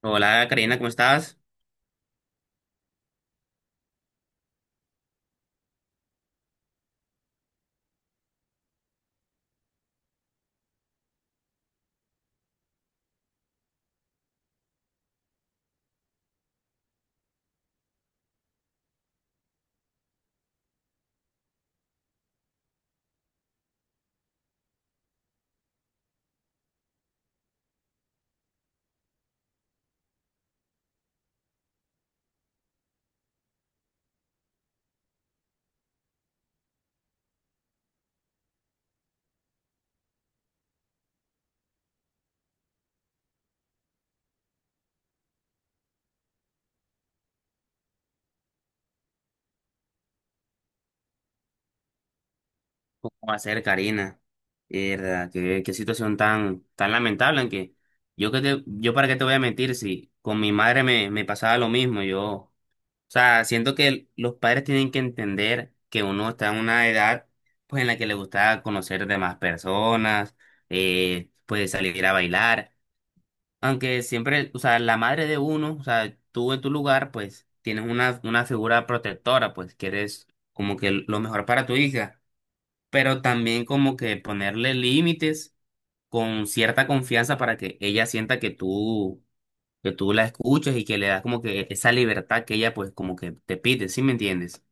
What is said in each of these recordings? Hola Karina, ¿cómo estás? ¿Cómo va a ser Karina? Verdad, qué situación tan lamentable, aunque yo para qué te voy a mentir si con mi madre me pasaba lo mismo. Yo, o sea, siento que los padres tienen que entender que uno está en una edad pues en la que le gusta conocer de más personas, pues salir a bailar. Aunque siempre, o sea, la madre de uno, o sea, tú en tu lugar, pues tienes una figura protectora, pues que eres como que lo mejor para tu hija. Pero también como que ponerle límites con cierta confianza para que ella sienta que que tú la escuchas y que le das como que esa libertad que ella pues como que te pide, ¿sí me entiendes?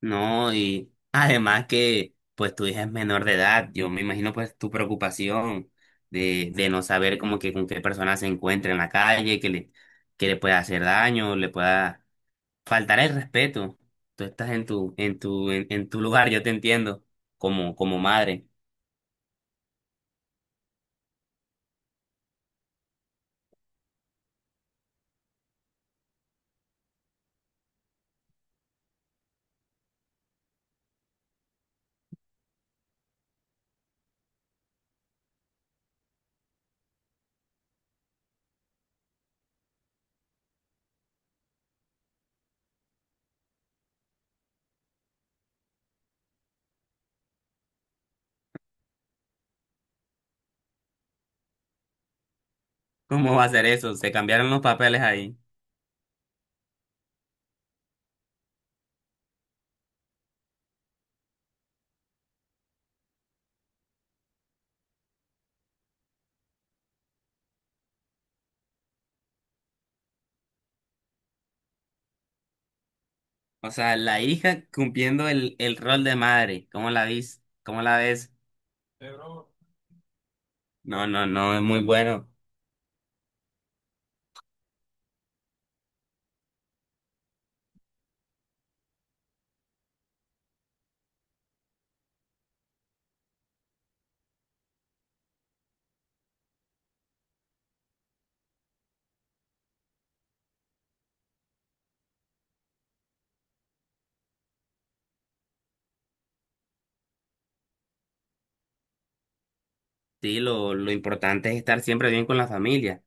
No, y además que pues tu hija es menor de edad, yo me imagino pues tu preocupación de no saber como que con qué persona se encuentra en la calle, que le pueda hacer daño, le pueda faltar el respeto. Tú estás en en tu lugar, yo te entiendo, como madre. ¿Cómo va a ser eso? Se cambiaron los papeles ahí. O sea, la hija cumpliendo el rol de madre. ¿Cómo la vis? ¿Cómo la ves? No, no, no, es muy bueno. Sí, lo importante es estar siempre bien con la familia.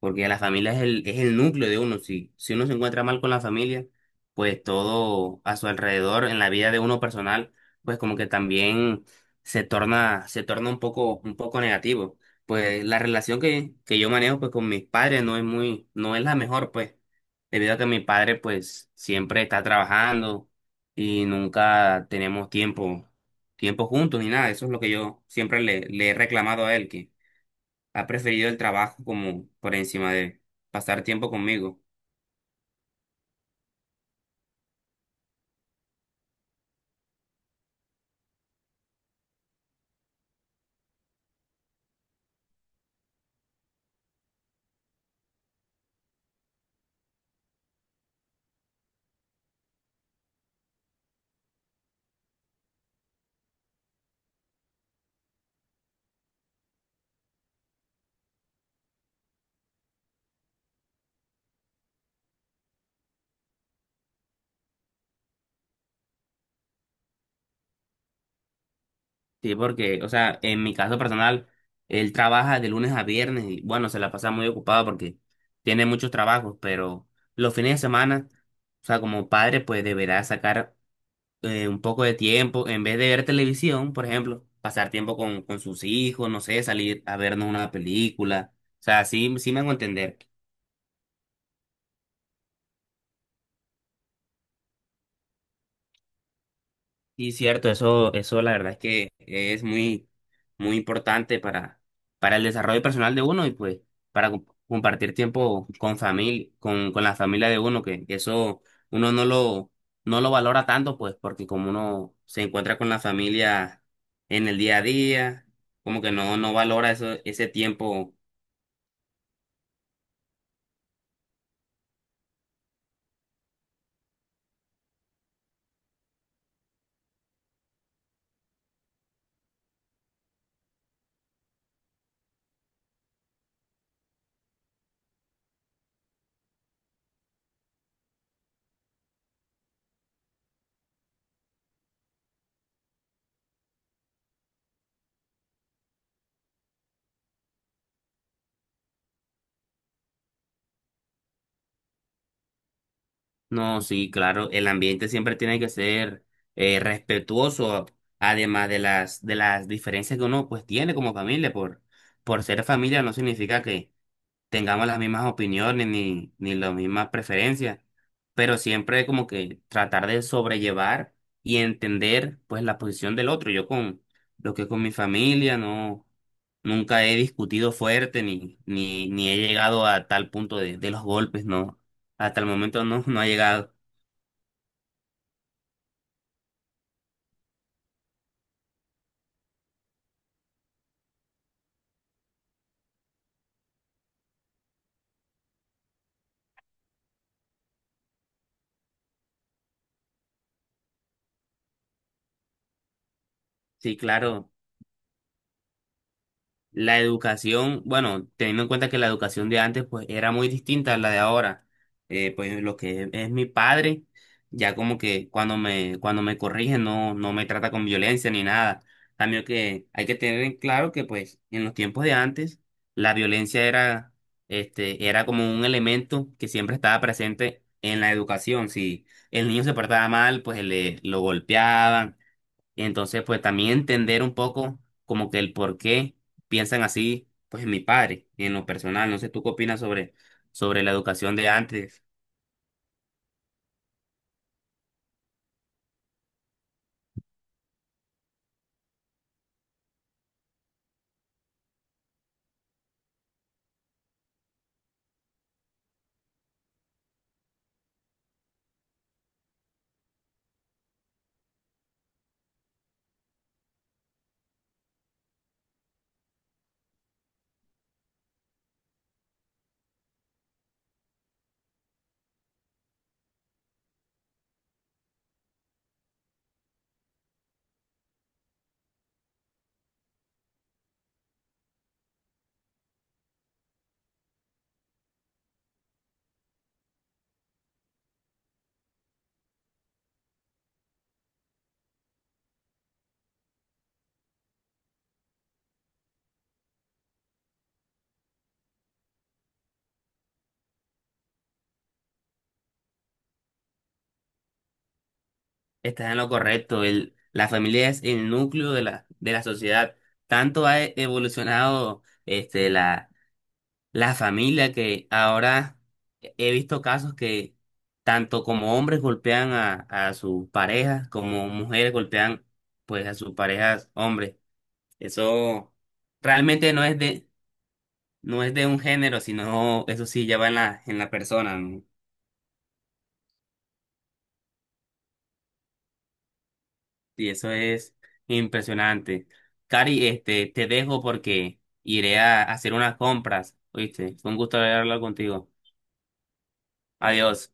Porque la familia es es el núcleo de uno. Si uno se encuentra mal con la familia, pues todo a su alrededor, en la vida de uno personal, pues como que también se torna un poco negativo. Pues la relación que yo manejo pues con mis padres no es muy, no es la mejor, pues, debido a que mi padre pues siempre está trabajando y nunca tenemos tiempo juntos ni nada. Eso es lo que yo siempre le he reclamado a él, ha preferido el trabajo como por encima de pasar tiempo conmigo. Sí, porque, o sea, en mi caso personal, él trabaja de lunes a viernes y bueno, se la pasa muy ocupado porque tiene muchos trabajos, pero los fines de semana, o sea, como padre, pues deberá sacar un poco de tiempo, en vez de ver televisión, por ejemplo, pasar tiempo con sus hijos, no sé, salir a vernos una película. O sea, sí, sí me hago entender. Sí, cierto, eso la verdad es que es muy, muy importante para el desarrollo personal de uno y pues para compartir tiempo con familia, con la familia de uno, que eso uno no lo, no lo valora tanto, pues, porque como uno se encuentra con la familia en el día a día, como que no, no valora eso, ese tiempo. No, sí, claro, el ambiente siempre tiene que ser respetuoso, además de de las diferencias que uno pues tiene como familia, por ser familia no significa que tengamos las mismas opiniones ni las mismas preferencias, pero siempre como que tratar de sobrellevar y entender pues la posición del otro. Yo con lo que es con mi familia no, nunca he discutido fuerte ni he llegado a tal punto de los golpes, no, hasta el momento no, no ha llegado. Sí, claro. La educación, bueno, teniendo en cuenta que la educación de antes pues era muy distinta a la de ahora. Pues lo que es mi padre, ya como que cuando cuando me corrige no, no me trata con violencia ni nada. Cambio que hay que tener en claro que pues en los tiempos de antes la violencia era, este, era como un elemento que siempre estaba presente en la educación. Si el niño se portaba mal, lo golpeaban y entonces, pues también entender un poco como que el por qué piensan así, pues en mi padre y en lo personal. No sé, ¿tú qué opinas sobre la educación de antes? Estás en lo correcto. La familia es el núcleo de de la sociedad. Tanto ha evolucionado este, la familia que ahora he visto casos que tanto como hombres golpean a sus parejas, como mujeres golpean pues a sus parejas hombres. Eso realmente no es no es de un género, sino eso sí ya va en en la persona, ¿no? Y eso es impresionante. Cari, este, te dejo porque iré a hacer unas compras, ¿oíste? Fue un gusto hablar contigo. Adiós.